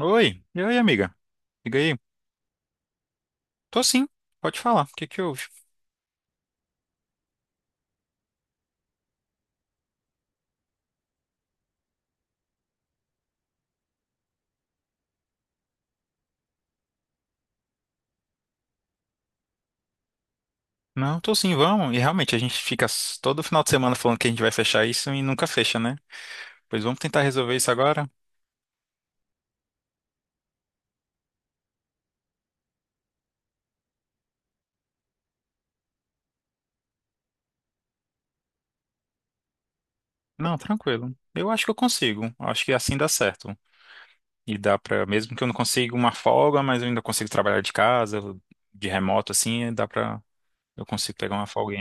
Oi, e aí, amiga? Liga aí. Tô sim, pode falar. O que que houve? Não, tô sim, vamos. E realmente, a gente fica todo final de semana falando que a gente vai fechar isso e nunca fecha, né? Pois vamos tentar resolver isso agora? Não, tranquilo. Eu acho que eu consigo. Acho que assim dá certo. E dá pra, mesmo que eu não consiga uma folga, mas eu ainda consigo trabalhar de casa, de remoto, assim, dá pra, eu consigo pegar uma folga.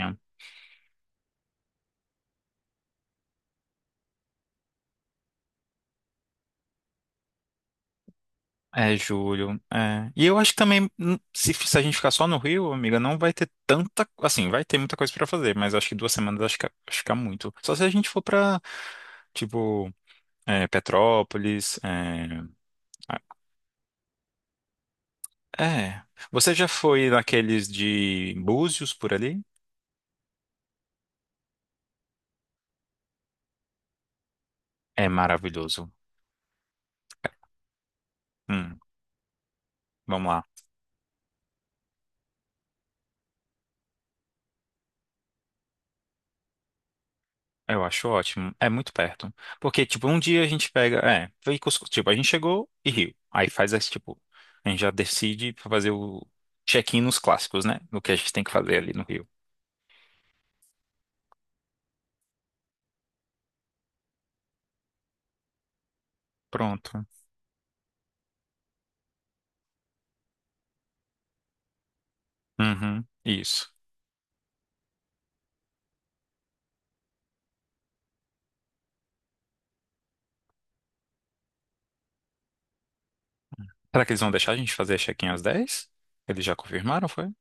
É, julho. É. E eu acho que também, se a gente ficar só no Rio, amiga, não vai ter tanta. Assim, vai ter muita coisa pra fazer, mas acho que duas semanas acho que é muito. Só se a gente for pra, tipo, é, Petrópolis. É, a- é. Você já foi naqueles de Búzios por ali? É maravilhoso. Hum, vamos lá. Eu acho ótimo. É muito perto. Porque, tipo, um dia a gente pega. É, foi Cusco. Tipo, a gente chegou e Rio. Aí faz esse, tipo. A gente já decide pra fazer o check-in nos clássicos, né? No que a gente tem que fazer ali no Rio. Pronto. Uhum. Isso. Será que eles vão deixar a gente fazer check-in às 10? Eles já confirmaram, foi?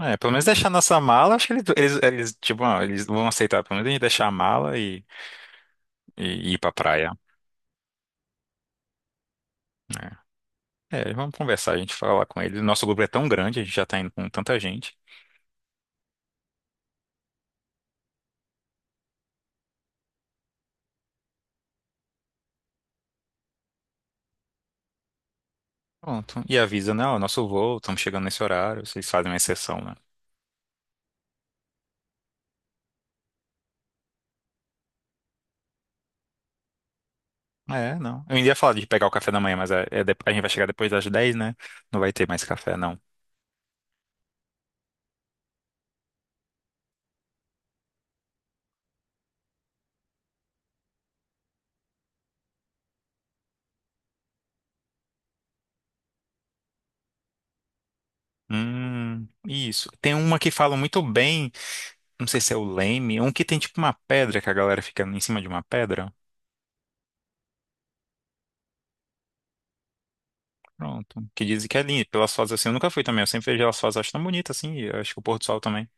É, pelo menos deixar nossa mala, acho que eles, tipo, ah, eles vão aceitar, pelo menos a gente deixar a mala e ir pra praia. Né? É, vamos conversar, a gente fala com eles. Nosso grupo é tão grande, a gente já tá indo com tanta gente. Pronto. E avisa, né? Ó, nosso voo, estamos chegando nesse horário, vocês fazem uma exceção, né? É, não. Eu ainda ia falar de pegar o café da manhã, mas a gente vai chegar depois das 10, né? Não vai ter mais café, não. Isso. Tem uma que fala muito bem, não sei se é o Leme, um que tem tipo uma pedra, que a galera fica em cima de uma pedra. Pronto. Que dizem que é lindo, pelas fotos assim. Eu nunca fui também, eu sempre vejo elas fotos, acho tão bonita assim, e eu acho que o pôr do sol também.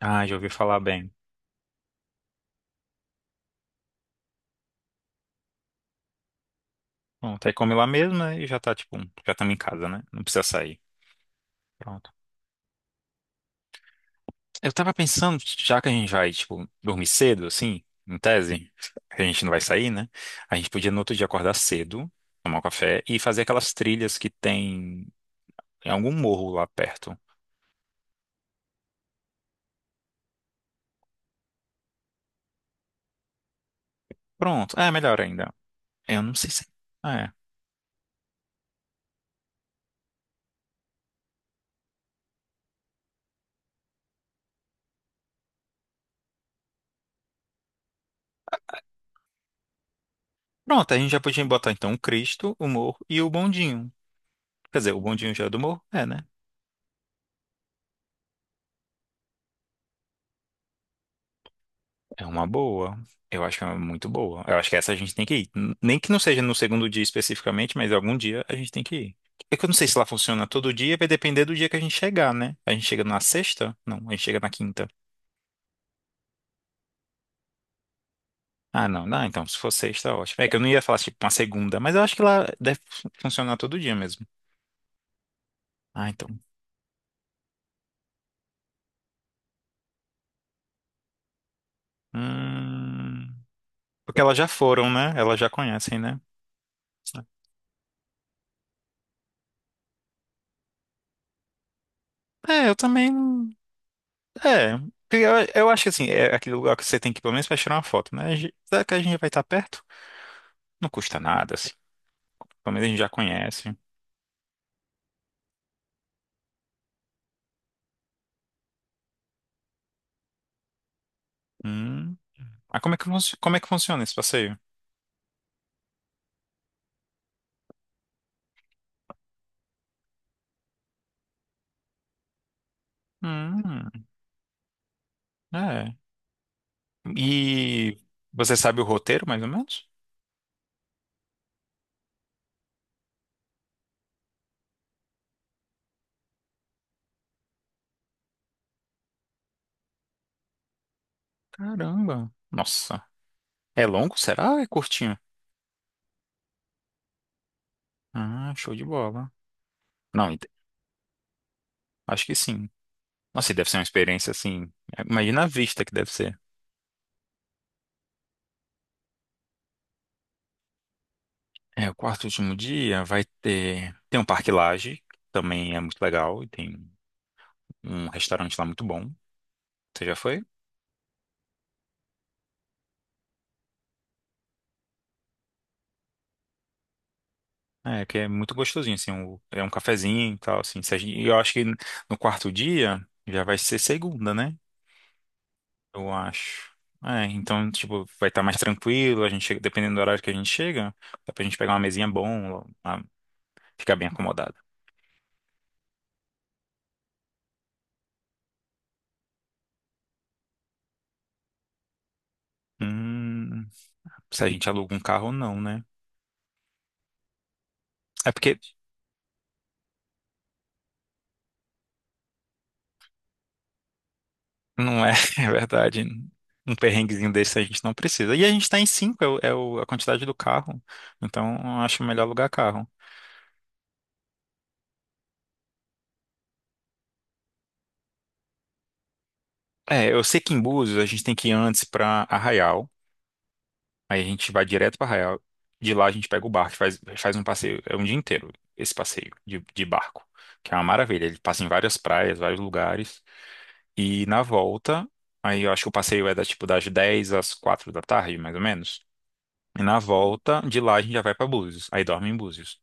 Ah, já ouvi falar bem. Pronto, aí come lá mesmo, né? E já tá, tipo, já estamos em casa, né? Não precisa sair. Pronto. Eu tava pensando, já que a gente vai, tipo, dormir cedo, assim, em tese, a gente não vai sair, né? A gente podia no outro dia acordar cedo, tomar um café e fazer aquelas trilhas que tem em algum morro lá perto. Pronto. É, melhor ainda. Eu não sei se. É. É. Pronto, a gente já podia botar então o Cristo, o morro e o bondinho. Quer dizer, o bondinho já é do morro? É, né? É uma boa. Eu acho que é muito boa. Eu acho que essa a gente tem que ir. Nem que não seja no segundo dia especificamente, mas algum dia a gente tem que ir. É que eu não sei se lá funciona todo dia, vai depender do dia que a gente chegar, né? A gente chega na sexta? Não, a gente chega na quinta. Ah, não, não, então se for sexta, ótimo. É que eu não ia falar tipo uma segunda, mas eu acho que lá deve funcionar todo dia mesmo. Ah, então. Hum... Porque elas já foram, né? Elas já conhecem, né? É, eu também. É, porque eu acho que assim, é aquele lugar que você tem que ir pelo menos pra tirar uma foto, né? Será que a gente vai estar perto? Não custa nada, assim. Pelo menos a gente já conhece. Hum. Ah, como é que, como é que funciona esse passeio? Hum, é. E você sabe o roteiro, mais ou menos? Caramba. Nossa. É longo, será? Ou é curtinho? Ah, show de bola. Não, acho que sim. Nossa, e deve ser uma experiência assim. É, Imagina a vista que deve ser. É, o quarto e último dia vai ter. Tem um parque Lage, que também é muito legal, e tem um restaurante lá muito bom. Você já foi? É, que é muito gostosinho, assim, é um cafezinho e tal, assim. Se a gente- E eu acho que no quarto dia já vai ser segunda, né? Eu acho. É, então, tipo, vai estar mais tranquilo, dependendo do horário que a gente chega, dá pra gente pegar uma mesinha bom, lá, ficar bem acomodado. Hum, se a gente aluga um carro, não, né? É porque Não é, é verdade. Um perrenguezinho desse a gente não precisa. E a gente tá em 5, é a quantidade do carro. Então, eu acho melhor alugar carro. É, eu sei que em Búzios a gente tem que ir antes pra Arraial. Aí a gente vai direto pra Arraial. De lá a gente pega o barco, faz um passeio. É um dia inteiro esse passeio de barco, que é uma maravilha. Ele passa em várias praias, vários lugares. E na volta, aí eu acho que o passeio é da, tipo, das 10 às 4 da tarde, mais ou menos. E na volta, de lá a gente já vai pra Búzios. Aí dorme em Búzios.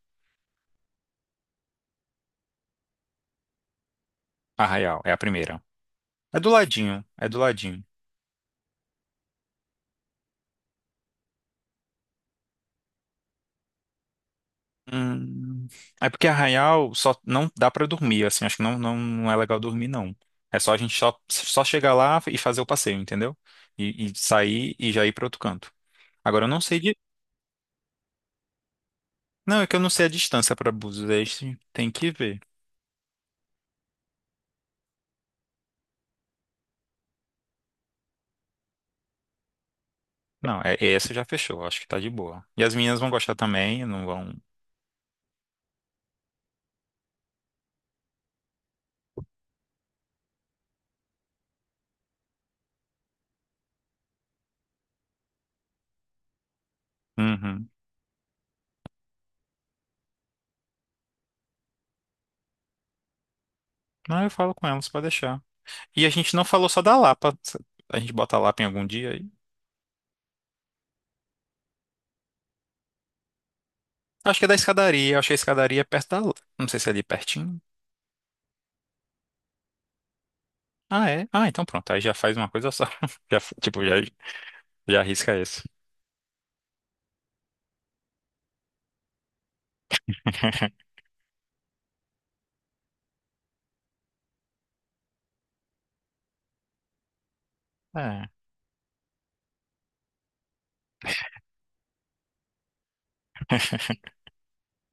Arraial, é a primeira. É do ladinho, é do ladinho. Hum, é porque Arraial só não dá pra dormir, assim, acho que não é legal dormir, não. É só a gente só chegar lá e fazer o passeio, entendeu? E sair e já ir pra outro canto. Agora eu não sei de. Não, é que eu não sei a distância pra Búzios, aí sim, tem que ver. Não, é, essa já fechou, acho que tá de boa. E as meninas vão gostar também, não vão. Uhum. Não, eu falo com elas, pode deixar. E a gente não falou só da Lapa. A gente bota a Lapa em algum dia. Acho que é da escadaria. Eu achei a escadaria é perto da. Não sei se é ali pertinho. Ah, é? Ah, então pronto. Aí já faz uma coisa só. Já, tipo, já arrisca isso. É,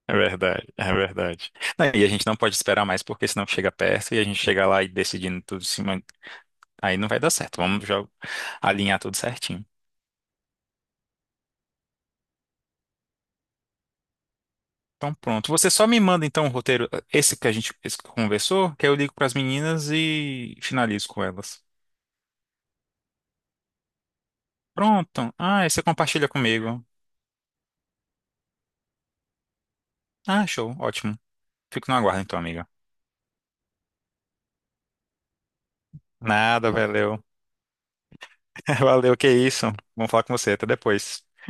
é verdade, é verdade. Não, e a gente não pode esperar mais, porque senão chega perto e a gente chega lá e decidindo tudo em cima. Aí não vai dar certo. Vamos já alinhar tudo certinho. Então pronto. Você só me manda então o roteiro, esse que a gente esse que conversou, que aí eu ligo pras meninas e finalizo com elas. Pronto. Ah, aí você compartilha comigo. Ah, show. Ótimo. Fico no aguardo então, amiga. Nada, valeu. Valeu, que isso. Vamos falar com você. Até depois.